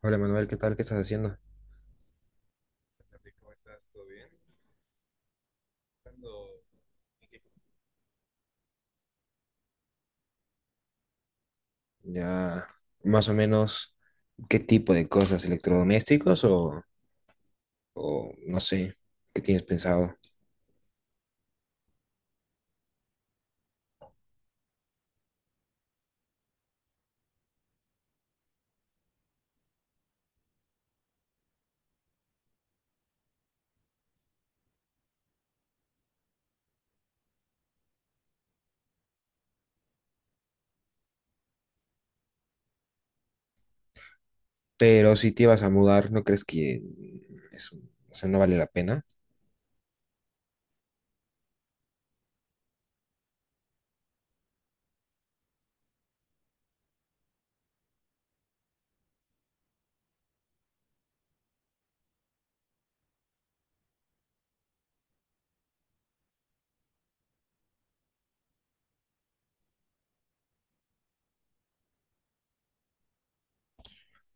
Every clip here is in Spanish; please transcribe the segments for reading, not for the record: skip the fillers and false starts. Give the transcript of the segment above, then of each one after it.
Hola Manuel, ¿qué tal? ¿Qué estás haciendo? Santi, ¿cómo estás? ¿Todo bien? Ando- ¿en qué- Ya, más o menos, ¿qué tipo de cosas? ¿Electrodomésticos o no sé, qué tienes pensado? Pero si te vas a mudar, ¿no crees que eso, o sea, no vale la pena?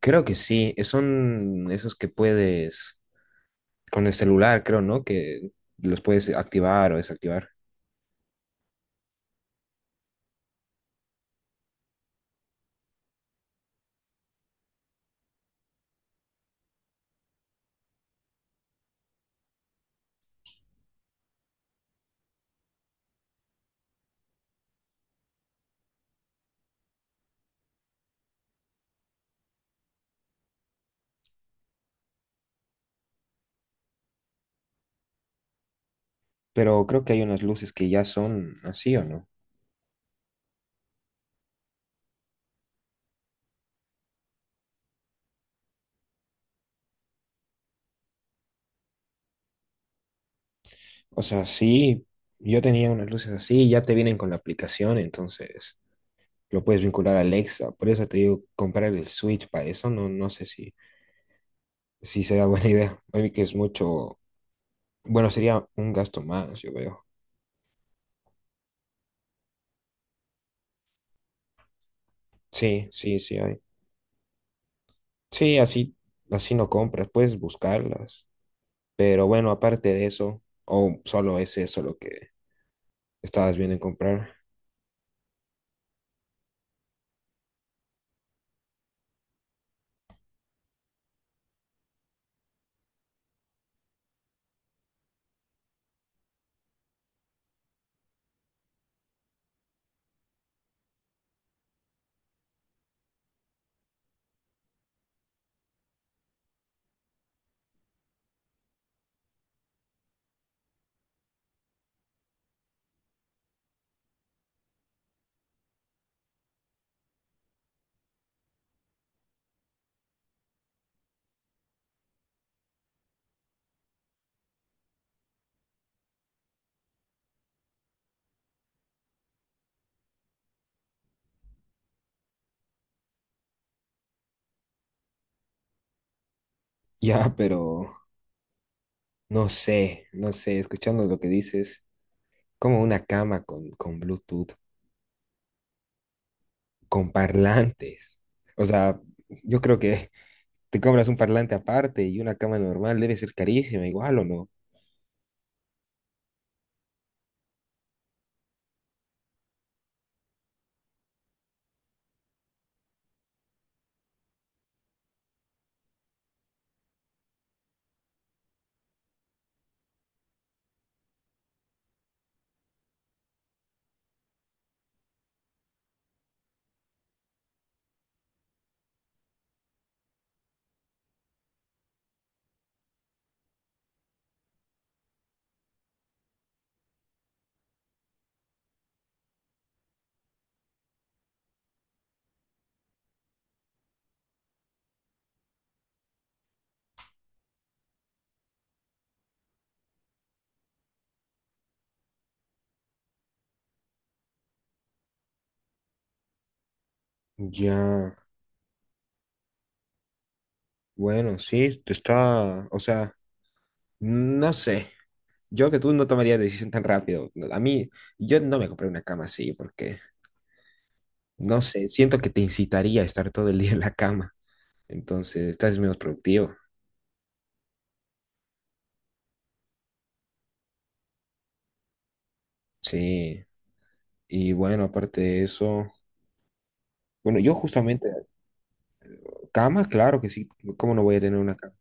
Creo que sí, son esos que puedes, con el celular, creo, ¿no? Que los puedes activar o desactivar. Pero creo que hay unas luces que ya son así, ¿o no? O sea, sí, yo tenía unas luces así, ya te vienen con la aplicación, entonces lo puedes vincular a Alexa. Por eso te digo, comprar el Switch para eso, no sé si sea buena idea. Oye, que es mucho, bueno, sería un gasto más, yo veo. Sí, sí, sí, hay. Sí, así, así no compras, puedes buscarlas. Pero bueno, aparte de eso, ¿o solo es eso lo que estabas viendo en comprar? Ya, pero no sé, escuchando lo que dices, como una cama con Bluetooth. Con parlantes. O sea, yo creo que te compras un parlante aparte y una cama normal debe ser carísima, igual o no. Ya, bueno, sí, te está, o sea, no sé, yo que tú no tomarías decisión tan rápido. A mí, yo no me compré una cama así porque, no sé, siento que te incitaría a estar todo el día en la cama. Entonces, estás menos productivo. Sí. Y bueno, aparte de eso, bueno, yo justamente, cama, claro que sí. ¿Cómo no voy a tener una cama?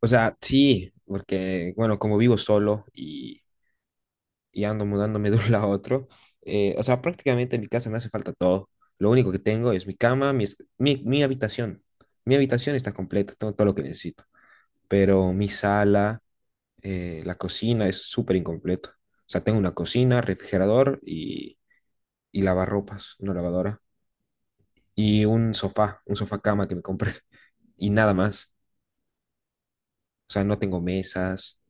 O sea, sí, porque, bueno, como vivo solo y ando mudándome de un lado a otro, o sea, prácticamente en mi casa me hace falta todo. Lo único que tengo es mi cama, mi habitación. Mi habitación está completa, tengo todo lo que necesito. Pero mi sala, la cocina es súper incompleto. O sea, tengo una cocina, refrigerador y lavarropas, una lavadora y un sofá cama que me compré y nada más. O sea, no tengo mesas,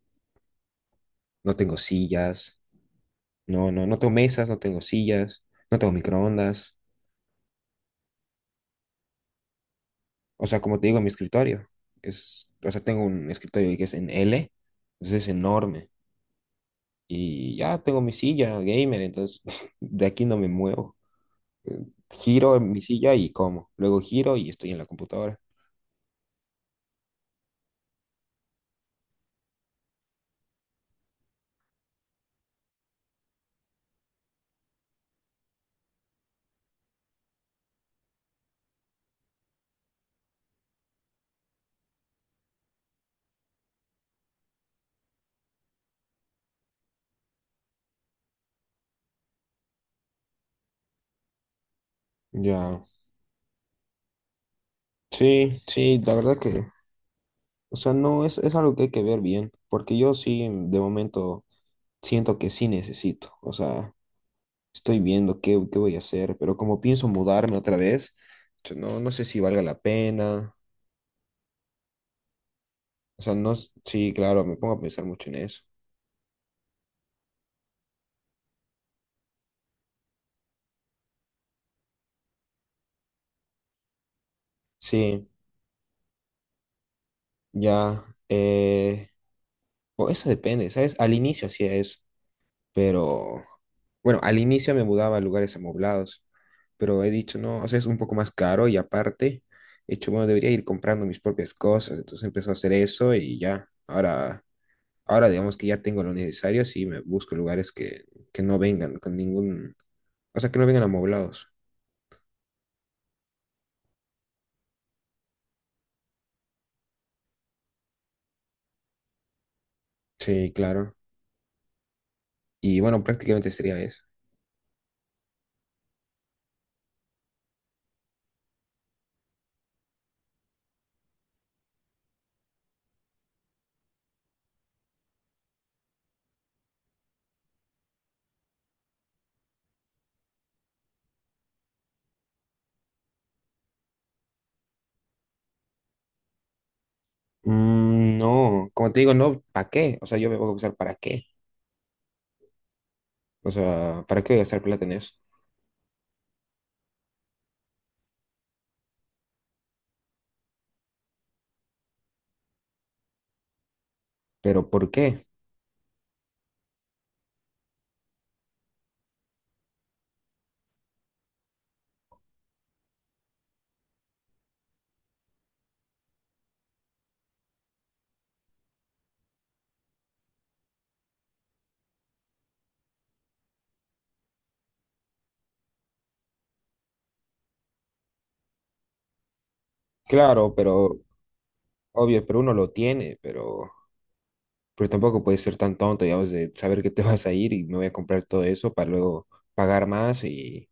no tengo sillas, no tengo mesas, no tengo sillas, no tengo microondas. O sea, como te digo, mi escritorio es, o sea, tengo un escritorio que es en L, entonces es enorme y ya tengo mi silla gamer, entonces de aquí no me muevo. Giro en mi silla y como, luego giro y estoy en la computadora. Ya, sí, sí, la verdad que o sea, no es, es algo que hay que ver bien, porque yo sí, mm, de momento, siento que sí necesito. O sea, estoy viendo qué, qué voy a hacer, pero como pienso mudarme otra vez, yo no, no sé si valga la pena. O sea, no, s- sí, claro, me pongo a pensar mucho en eso. Sí, ya. Eh, o eso depende, ¿sabes? Al inicio hacía eso, pero bueno, al inicio me mudaba a lugares amoblados, pero he dicho, no, o sea, es un poco más caro y aparte, he dicho, bueno, debería ir comprando mis propias cosas, entonces empezó a hacer eso y ya, ahora digamos que ya tengo lo necesario, sí, me busco lugares que no vengan con ningún, o sea, que no vengan amoblados. Sí, claro. Y bueno, prácticamente sería eso. Mm, no, como te digo, no, ¿para qué? O sea, yo me voy a usar para qué. O sea, ¿para qué voy a gastar plata en eso? Pero ¿por qué? Claro, pero obvio, pero uno lo tiene, pero tampoco puedes ser tan tonto, digamos, de saber que te vas a ir y me voy a comprar todo eso para luego pagar más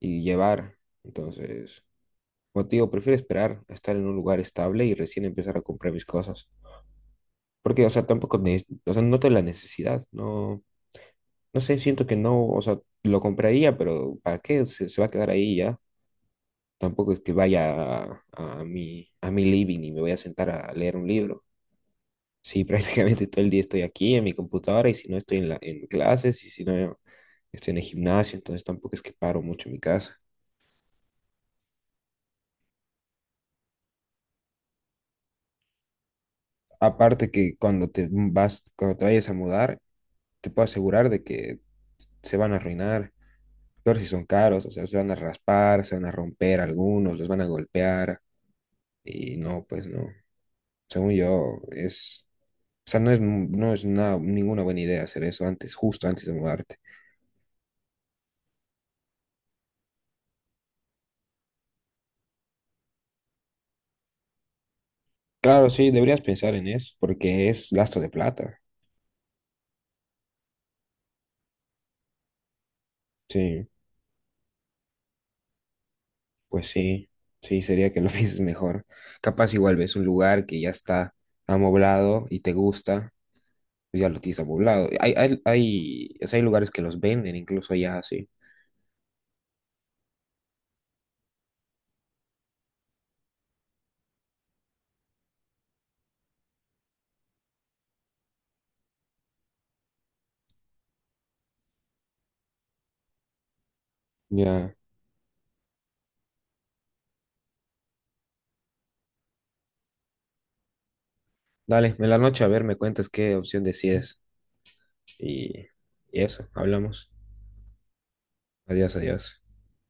y llevar. Entonces, como te digo, prefiero esperar a estar en un lugar estable y recién empezar a comprar mis cosas. Porque, o sea, tampoco, ne- o sea, noto la necesidad, no, no sé, siento que no, o sea, lo compraría, pero ¿para qué? Se va a quedar ahí ya. Tampoco es que vaya a mi living y me voy a sentar a leer un libro. Sí, prácticamente todo el día estoy aquí en mi computadora y si no estoy en la, en clases y si no estoy en el gimnasio, entonces tampoco es que paro mucho en mi casa. Aparte que cuando te vas, cuando te vayas a mudar, te puedo asegurar de que se van a arruinar. Peor si son caros, o sea, se van a raspar, se van a romper algunos, los van a golpear y no, pues no. Según yo, es, o sea, no es, no es una- ninguna buena idea hacer eso antes, justo antes de mudarte. Claro, sí, deberías pensar en eso porque es gasto de plata. Sí, pues sí, sí, sería que lo pienses mejor. Capaz igual ves un lugar que ya está amoblado y te gusta, pues ya lo tienes amoblado. Hay, o sea, hay lugares que los venden incluso ya así. Ya. Dale, en la noche a ver, me cuentas qué opción decides y, y eso, hablamos. Adiós, adiós.